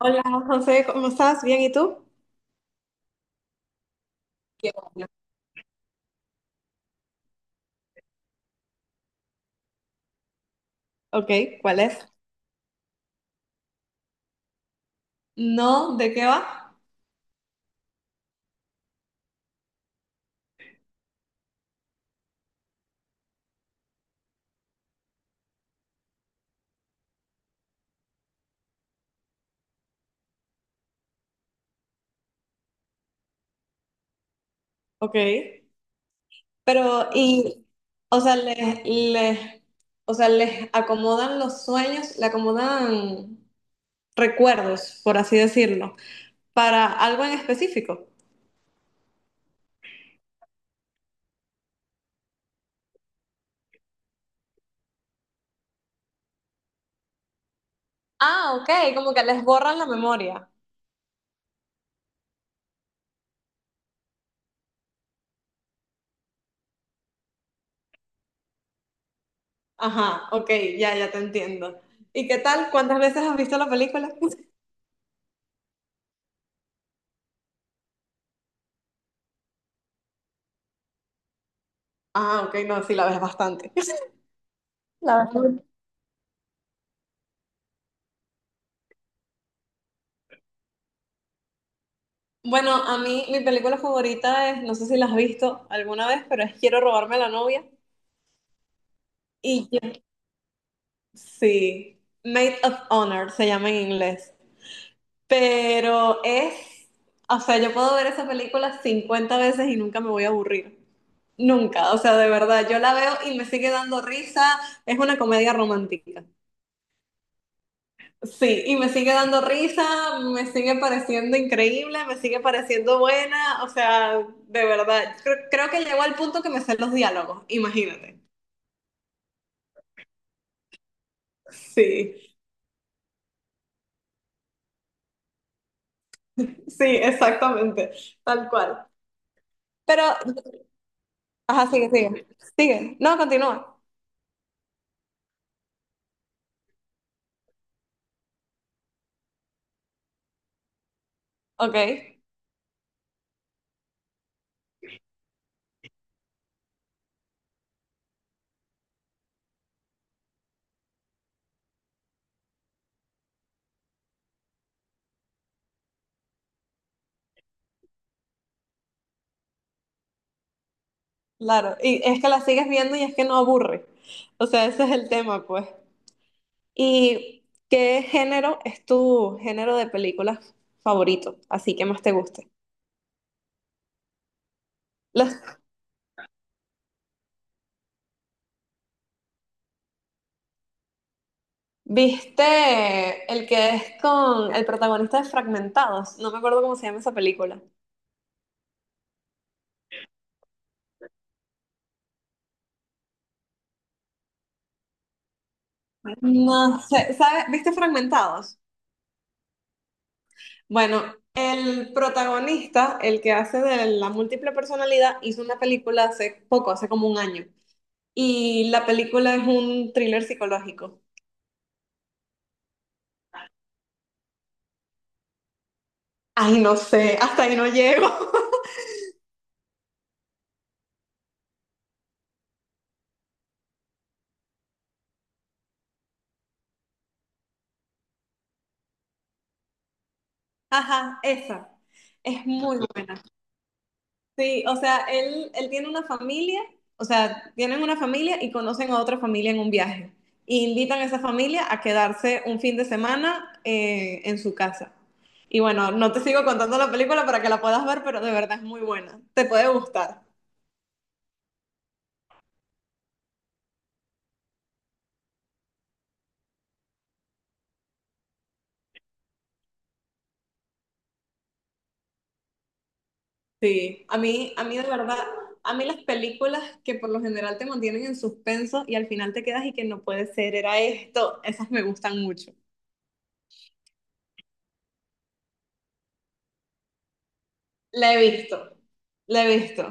Hola José, ¿cómo estás? ¿Bien y tú? Qué bueno. Ok, ¿cuál es? No, ¿de qué va? Ok. Pero, y, o sea, les o sea, les acomodan los sueños, le acomodan recuerdos, por así decirlo, para algo en específico. Ah, ok, como que les borran la memoria. Ajá, ok, ya, ya te entiendo. ¿Y qué tal? ¿Cuántas veces has visto la película? Ah, ok, no, sí, la ves bastante. La ves. Bueno, a mí mi película favorita es, no sé si la has visto alguna vez, pero es Quiero robarme a la novia. Y yo, sí, Maid of Honor se llama en inglés. Pero es, o sea, yo puedo ver esa película 50 veces y nunca me voy a aburrir. Nunca, o sea, de verdad, yo la veo y me sigue dando risa. Es una comedia romántica. Sí, y me sigue dando risa, me sigue pareciendo increíble, me sigue pareciendo buena, o sea, de verdad, creo que llegó al punto que me sé los diálogos, imagínate. Sí, sí, exactamente, tal cual. Pero, ajá, sigue, sigue, sigue, no, continúa. Ok, claro, y es que la sigues viendo y es que no aburre, o sea, ese es el tema, pues. ¿Y qué género es tu género de películas favorito, así que más te guste? ¿Viste el que es con el protagonista de Fragmentados? No me acuerdo cómo se llama esa película. No sé, ¿sabes? ¿Viste Fragmentados? Bueno, el protagonista, el que hace de la múltiple personalidad, hizo una película hace poco, hace como un año. Y la película es un thriller psicológico. Ay, no sé, hasta ahí no llego. Ajá, esa. Es muy buena. Sí, o sea, él tiene una familia, o sea, tienen una familia y conocen a otra familia en un viaje. Y invitan a esa familia a quedarse un fin de semana en su casa. Y bueno, no te sigo contando la película para que la puedas ver, pero de verdad es muy buena. Te puede gustar. Sí, a mí de verdad, a mí las películas que por lo general te mantienen en suspenso y al final te quedas y que no puede ser, era esto, esas me gustan mucho. La he visto, la he visto.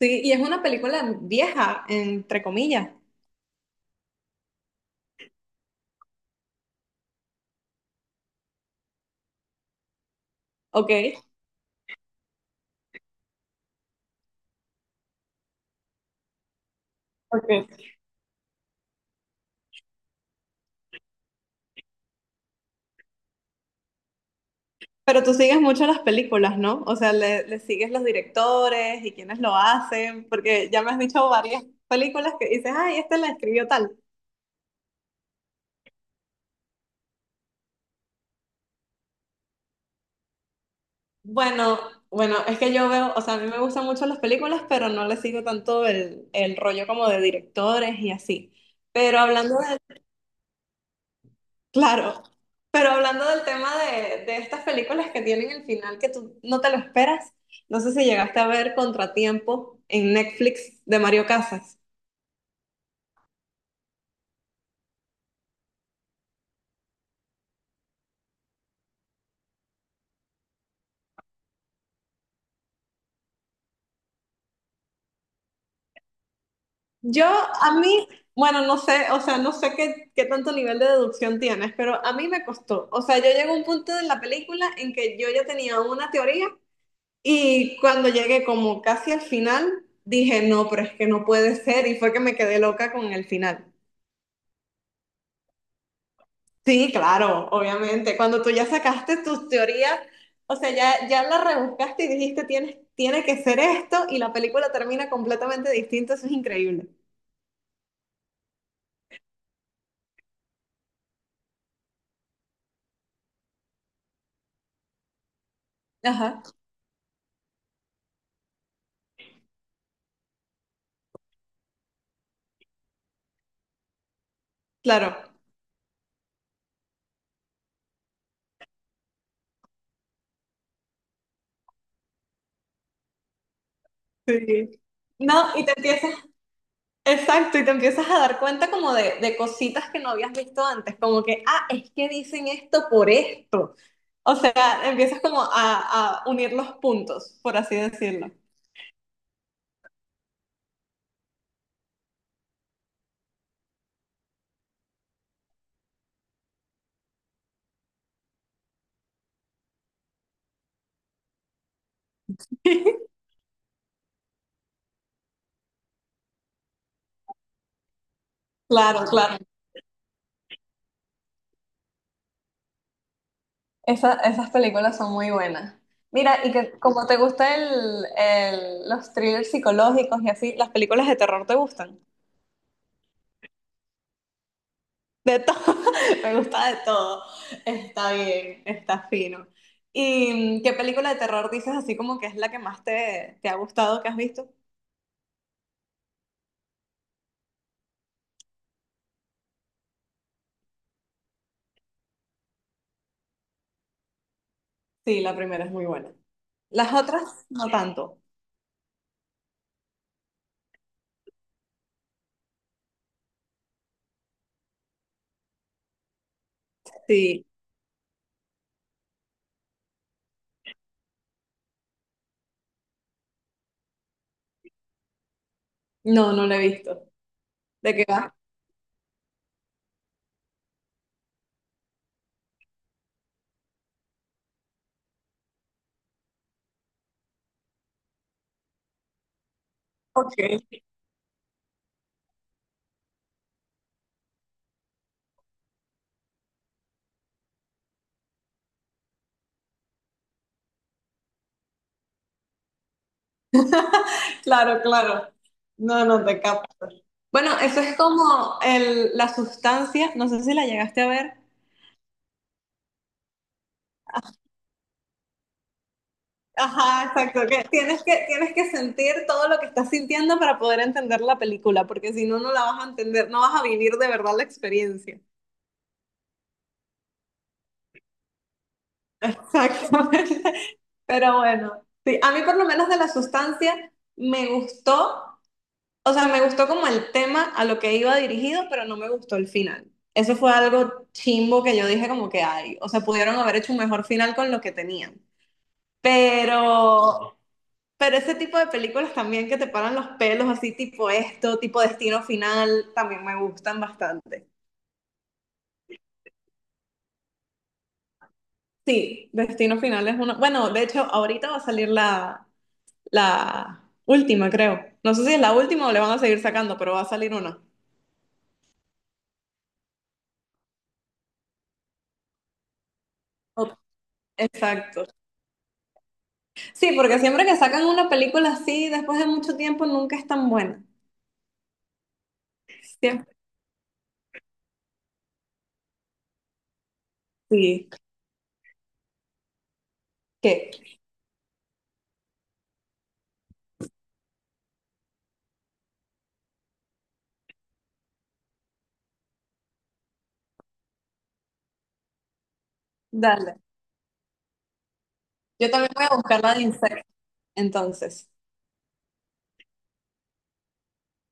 Sí, y es una película vieja, entre comillas. Ok. Ok. Pero tú sigues mucho las películas, ¿no? O sea, le sigues los directores y quienes lo hacen, porque ya me has dicho varias películas que dices, ay, este la escribió tal. Bueno, bueno, es que yo veo, o sea, a mí me gustan mucho las películas, pero no le sigo tanto el rollo como de directores y así. Pero hablando. Claro, pero hablando del tema de estas películas que tienen el final que tú no te lo esperas, no sé si llegaste a ver Contratiempo en Netflix de Mario Casas. Yo, a mí, bueno, no sé, o sea, no sé qué tanto nivel de deducción tienes, pero a mí me costó. O sea, yo llegué a un punto de la película en que yo ya tenía una teoría y cuando llegué como casi al final, dije, no, pero es que no puede ser y fue que me quedé loca con el final. Sí, claro, obviamente. Cuando tú ya sacaste tus teorías, o sea, ya, ya las rebuscaste y dijiste, tienes, tiene que ser esto, y la película termina completamente distinta, eso es increíble. Ajá, claro. Sí. No, y te empiezas, exacto, y te empiezas a dar cuenta como de cositas que no habías visto antes, como que, ah, es que dicen esto por esto. O sea, empiezas como a unir los puntos, por así decirlo. Claro, claro. Esa- esas películas son muy buenas. Mira, y que como te gustan los thrillers psicológicos y así, las películas de terror te gustan. De todo, me gusta de todo. Está bien, está fino. ¿Y qué película de terror dices así como que es la que más te ha gustado que has visto? Sí, la primera es muy buena. Las otras no tanto. Sí, no, no la he visto. ¿De qué va? Ok. Claro, claro. No, no te capto. Bueno, eso es como el, la sustancia, no sé si la llegaste a ver. Ajá, exacto. Que tienes que, tienes que sentir todo lo que estás sintiendo para poder entender la película, porque si no, no la vas a entender, no vas a vivir de verdad la experiencia. Exactamente. Pero bueno, sí, a mí por lo menos de la sustancia me gustó, o sea, me gustó como el tema a lo que iba dirigido, pero no me gustó el final. Eso fue algo chimbo que yo dije como que hay, o sea, pudieron haber hecho un mejor final con lo que tenían. Pero, pero ese tipo de películas también que te paran los pelos, así tipo esto, tipo Destino Final, también me gustan bastante. Sí, Destino Final es una... Bueno, de hecho, ahorita va a salir la, la última, creo. No sé si es la última o le van a seguir sacando, pero va a salir una. Ot- Exacto. Sí, porque siempre que sacan una película así, después de mucho tiempo, nunca es tan buena. Siempre. Sí. ¿Qué? Dale. Yo también voy a buscar la de Insect. Entonces.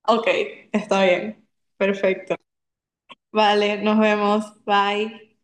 Ok, está bien. Perfecto. Vale, nos vemos. Bye.